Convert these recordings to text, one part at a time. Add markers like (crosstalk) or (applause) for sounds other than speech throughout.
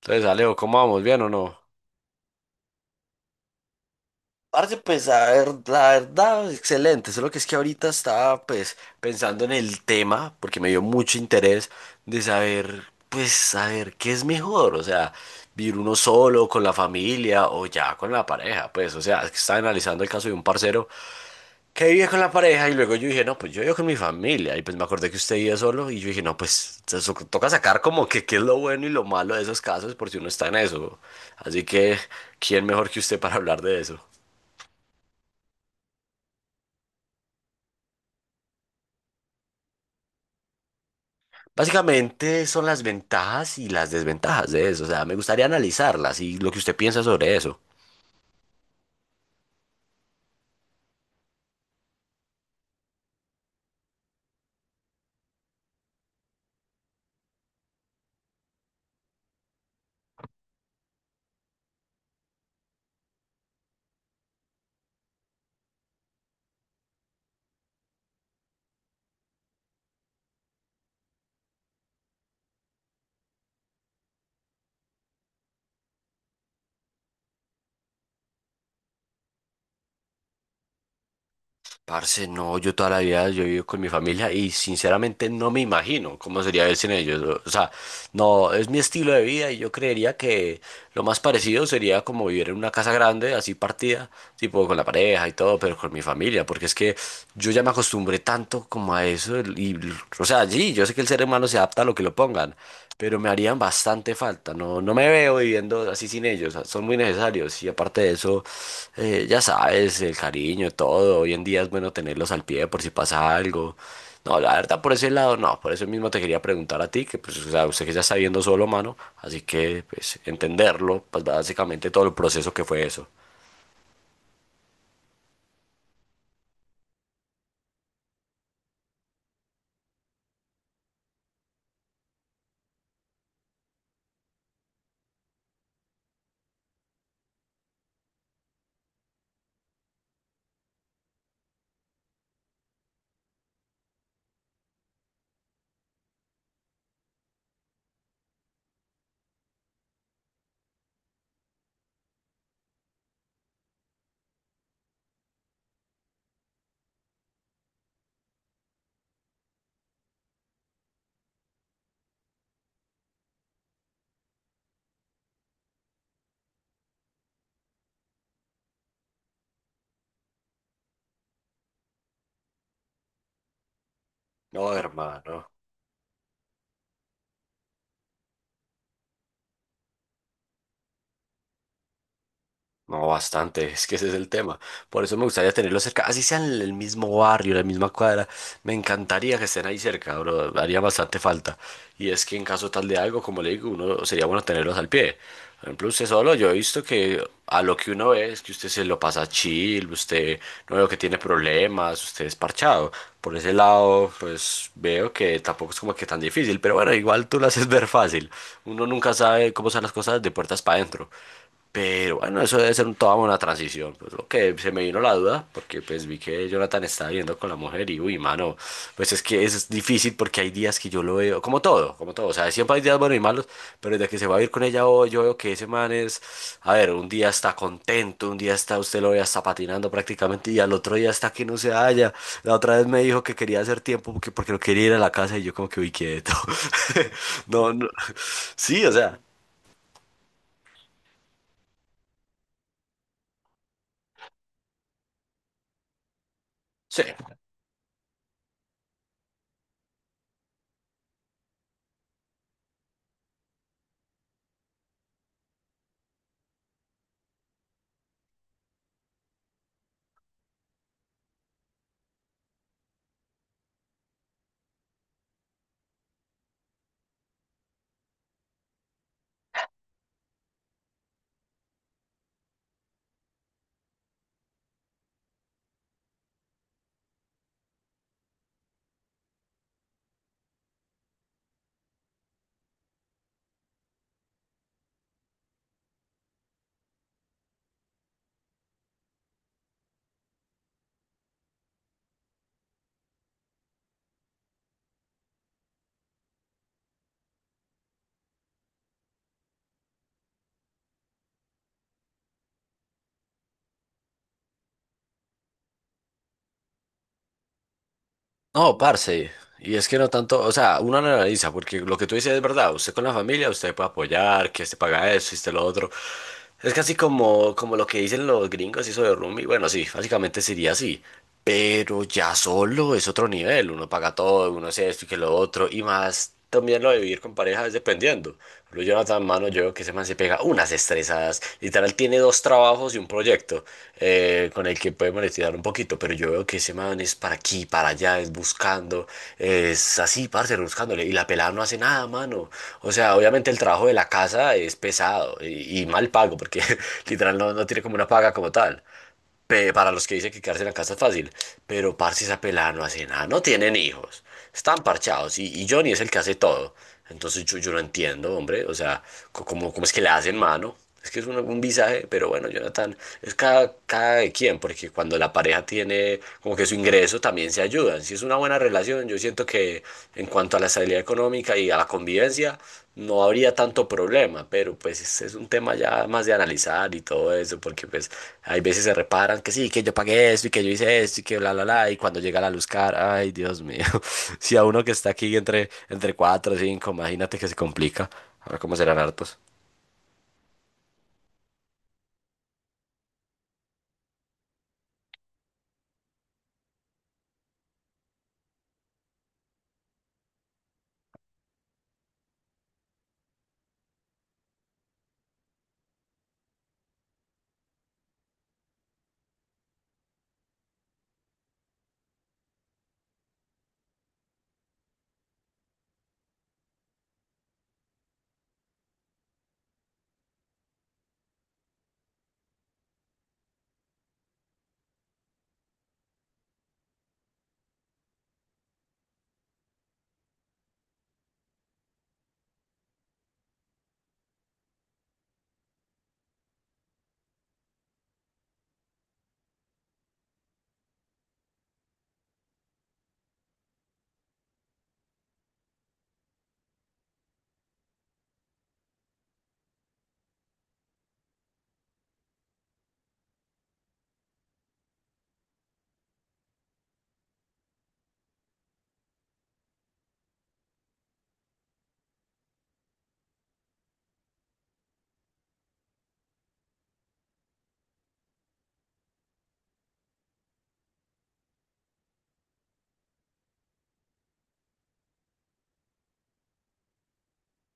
Entonces, Alejo, ¿cómo vamos? ¿Bien o no? Parce, pues a ver, la verdad, excelente. Solo que es que ahorita estaba pues pensando en el tema, porque me dio mucho interés de saber, pues, saber qué es mejor, o sea, vivir uno solo, con la familia o ya con la pareja, pues, o sea, es que estaba analizando el caso de un parcero que vivía con la pareja y luego yo dije, no, pues yo vivo con mi familia y pues me acordé que usted vivía solo y yo dije, no, pues toca sacar como que qué es lo bueno y lo malo de esos casos por si uno está en eso. Así que, ¿quién mejor que usted para hablar de eso? Básicamente son las ventajas y las desventajas de eso, o sea, me gustaría analizarlas y lo que usted piensa sobre eso. Parce, no, yo toda la vida yo vivo con mi familia y sinceramente no me imagino cómo sería vivir sin ellos. O sea, no, es mi estilo de vida y yo creería que lo más parecido sería como vivir en una casa grande, así partida, tipo con la pareja y todo, pero con mi familia, porque es que yo ya me acostumbré tanto como a eso. O sea, sí, yo sé que el ser humano se adapta a lo que lo pongan, pero me harían bastante falta. No, no me veo viviendo así sin ellos. Son muy necesarios. Y aparte de eso, ya sabes, el cariño, todo. Hoy en día es bueno tenerlos al pie por si pasa algo. No, la verdad, por ese lado, no. Por eso mismo te quería preguntar a ti, que pues, o sea, usted que ya está viendo solo, mano. Así que, pues, entenderlo, pues básicamente todo el proceso que fue eso. No, hermano. No, bastante, es que ese es el tema. Por eso me gustaría tenerlos cerca, así sean el mismo barrio, la misma cuadra. Me encantaría que estén ahí cerca, bro, haría bastante falta. Y es que en caso tal de algo, como le digo, uno sería bueno tenerlos al pie. Por ejemplo, usted solo, yo he visto que a lo que uno ve es que usted se lo pasa chill, usted no veo que tiene problemas, usted es parchado. Por ese lado, pues veo que tampoco es como que tan difícil, pero bueno, igual tú lo haces ver fácil. Uno nunca sabe cómo son las cosas de puertas para adentro. Pero bueno, eso debe ser toda una transición. Pues lo que se me vino la duda, porque pues vi que Jonathan estaba viendo con la mujer y uy, mano, pues es que es difícil porque hay días que yo lo veo, como todo, como todo. O sea, siempre hay días buenos y malos, pero desde que se va a ir con ella hoy, yo veo que ese man es, a ver, un día está contento, un día está, usted lo ve hasta patinando prácticamente y al otro día está que no se halla. La otra vez me dijo que quería hacer tiempo porque, porque no quería ir a la casa y yo como que uy, quieto. (laughs) No, no. Sí, o sea. Sí. No, parce, y es que no tanto, o sea, uno lo analiza, porque lo que tú dices es verdad, usted con la familia, usted puede apoyar, que se paga eso, y usted lo otro. Es casi como, como lo que dicen los gringos, eso de roomie, bueno, sí, básicamente sería así, pero ya solo es otro nivel, uno paga todo, uno hace esto y que lo otro, y más también lo de vivir con pareja es dependiendo. Lo Jonathan Mano, yo veo que ese man se pega unas estresadas. Literal tiene dos trabajos y un proyecto con el que puede monetizar un poquito, pero yo veo que ese man es para aquí, para allá, es buscando, es así, parce, buscándole. Y la pelada no hace nada, mano. O sea, obviamente el trabajo de la casa es pesado y mal pago, porque (laughs) literal no, no tiene como una paga como tal para los que dicen que quedarse en la casa es fácil, pero parce esa pelada no hace nada, no tienen hijos, están parchados y Johnny es el que hace todo. Entonces yo no entiendo, hombre, o sea, ¿cómo, cómo es que le hacen mano? Es que es un visaje, pero bueno, Jonathan, es cada, cada de quien, porque cuando la pareja tiene como que su ingreso también se ayudan. Si es una buena relación, yo siento que en cuanto a la estabilidad económica y a la convivencia no habría tanto problema, pero pues es un tema ya más de analizar y todo eso, porque pues hay veces se reparan que sí, que yo pagué esto y que yo hice esto y que bla, bla, bla, y cuando llega la luz cara, ay, Dios mío, (laughs) si a uno que está aquí entre cuatro o cinco, imagínate que se complica, ahora cómo serán hartos.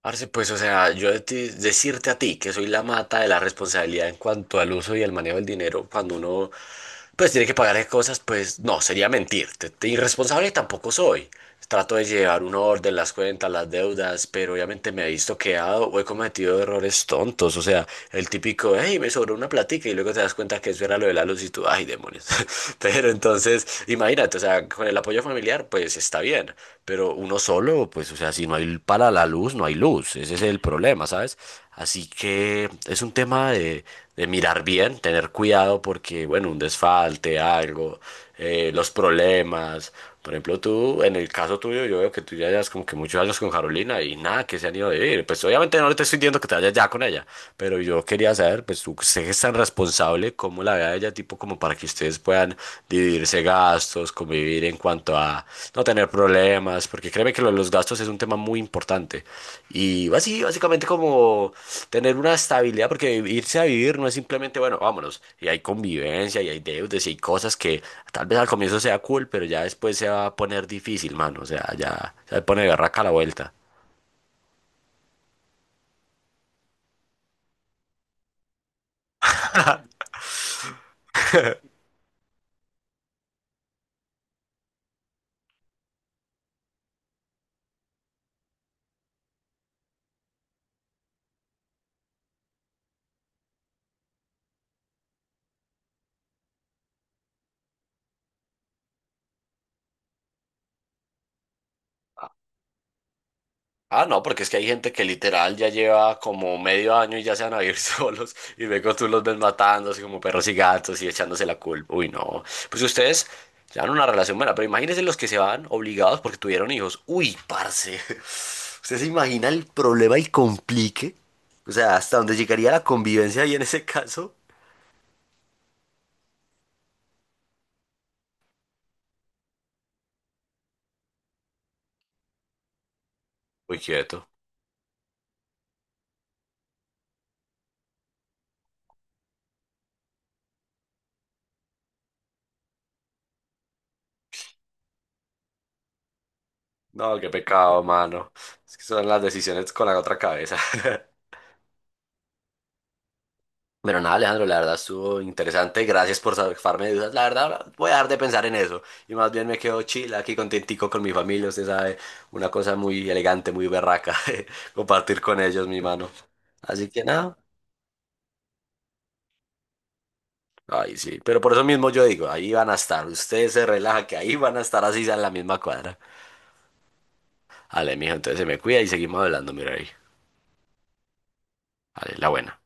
Parce, pues, o sea, decirte a ti que soy la mata de la responsabilidad en cuanto al uso y al manejo del dinero cuando uno, pues, tiene que pagar esas cosas, pues, no, sería mentirte. Irresponsable tampoco soy. Trato de llevar un orden, las cuentas, las deudas, pero obviamente me he visto quedado o he cometido errores tontos. O sea, el típico, hey, me sobró una platica y luego te das cuenta que eso era lo de la luz y tú, ay, demonios. (laughs) (laughs) Pero entonces, imagínate, o sea, con el apoyo familiar, pues está bien, pero uno solo, pues, o sea, si no hay para la luz, no hay luz, ese es el problema, ¿sabes? Así que es un tema de mirar bien, tener cuidado porque, bueno, un desfalte, algo, los problemas. Por ejemplo, tú, en el caso tuyo, yo veo que tú ya llevas como que muchos años con Carolina y nada, que se han ido a vivir. Pues obviamente no te estoy diciendo que te vayas ya con ella, pero yo quería saber, pues tú sé que es tan responsable, cómo la vea ella, tipo como para que ustedes puedan dividirse gastos, convivir en cuanto a no tener problemas, porque créeme que lo de los gastos es un tema muy importante. Y así, básicamente como tener una estabilidad, porque irse a vivir no es simplemente, bueno, vámonos, y hay convivencia, y hay deudas, y hay cosas que tal vez al comienzo sea cool, pero ya después se va a poner difícil, mano. O sea, ya se pone berraca la vuelta. Ah, no, porque es que hay gente que literal ya lleva como medio año y ya se van a vivir (laughs) solos y luego tú los ves matando así como perros y gatos y echándose la culpa. Uy, no. Pues ustedes llevan una relación buena, pero imagínense los que se van obligados porque tuvieron hijos. Uy, parce. (laughs) ¿Usted se imagina el problema y complique? O sea, hasta dónde llegaría la convivencia ahí en ese caso. Muy quieto. No, qué pecado, mano. Es que son las decisiones con la otra cabeza. (laughs) Pero nada, Alejandro, la verdad estuvo interesante. Gracias por sacarme de dudas. La verdad, ahora voy a dejar de pensar en eso. Y más bien me quedo chill aquí contentico con mi familia. Usted sabe, una cosa muy elegante, muy berraca. (laughs) Compartir con ellos, mi mano. Así que nada. Ay, sí. Pero por eso mismo yo digo, ahí van a estar. Usted se relaja, que ahí van a estar así sea en la misma cuadra. Ale, mijo, entonces se me cuida y seguimos hablando, mira ahí. Vale, la buena.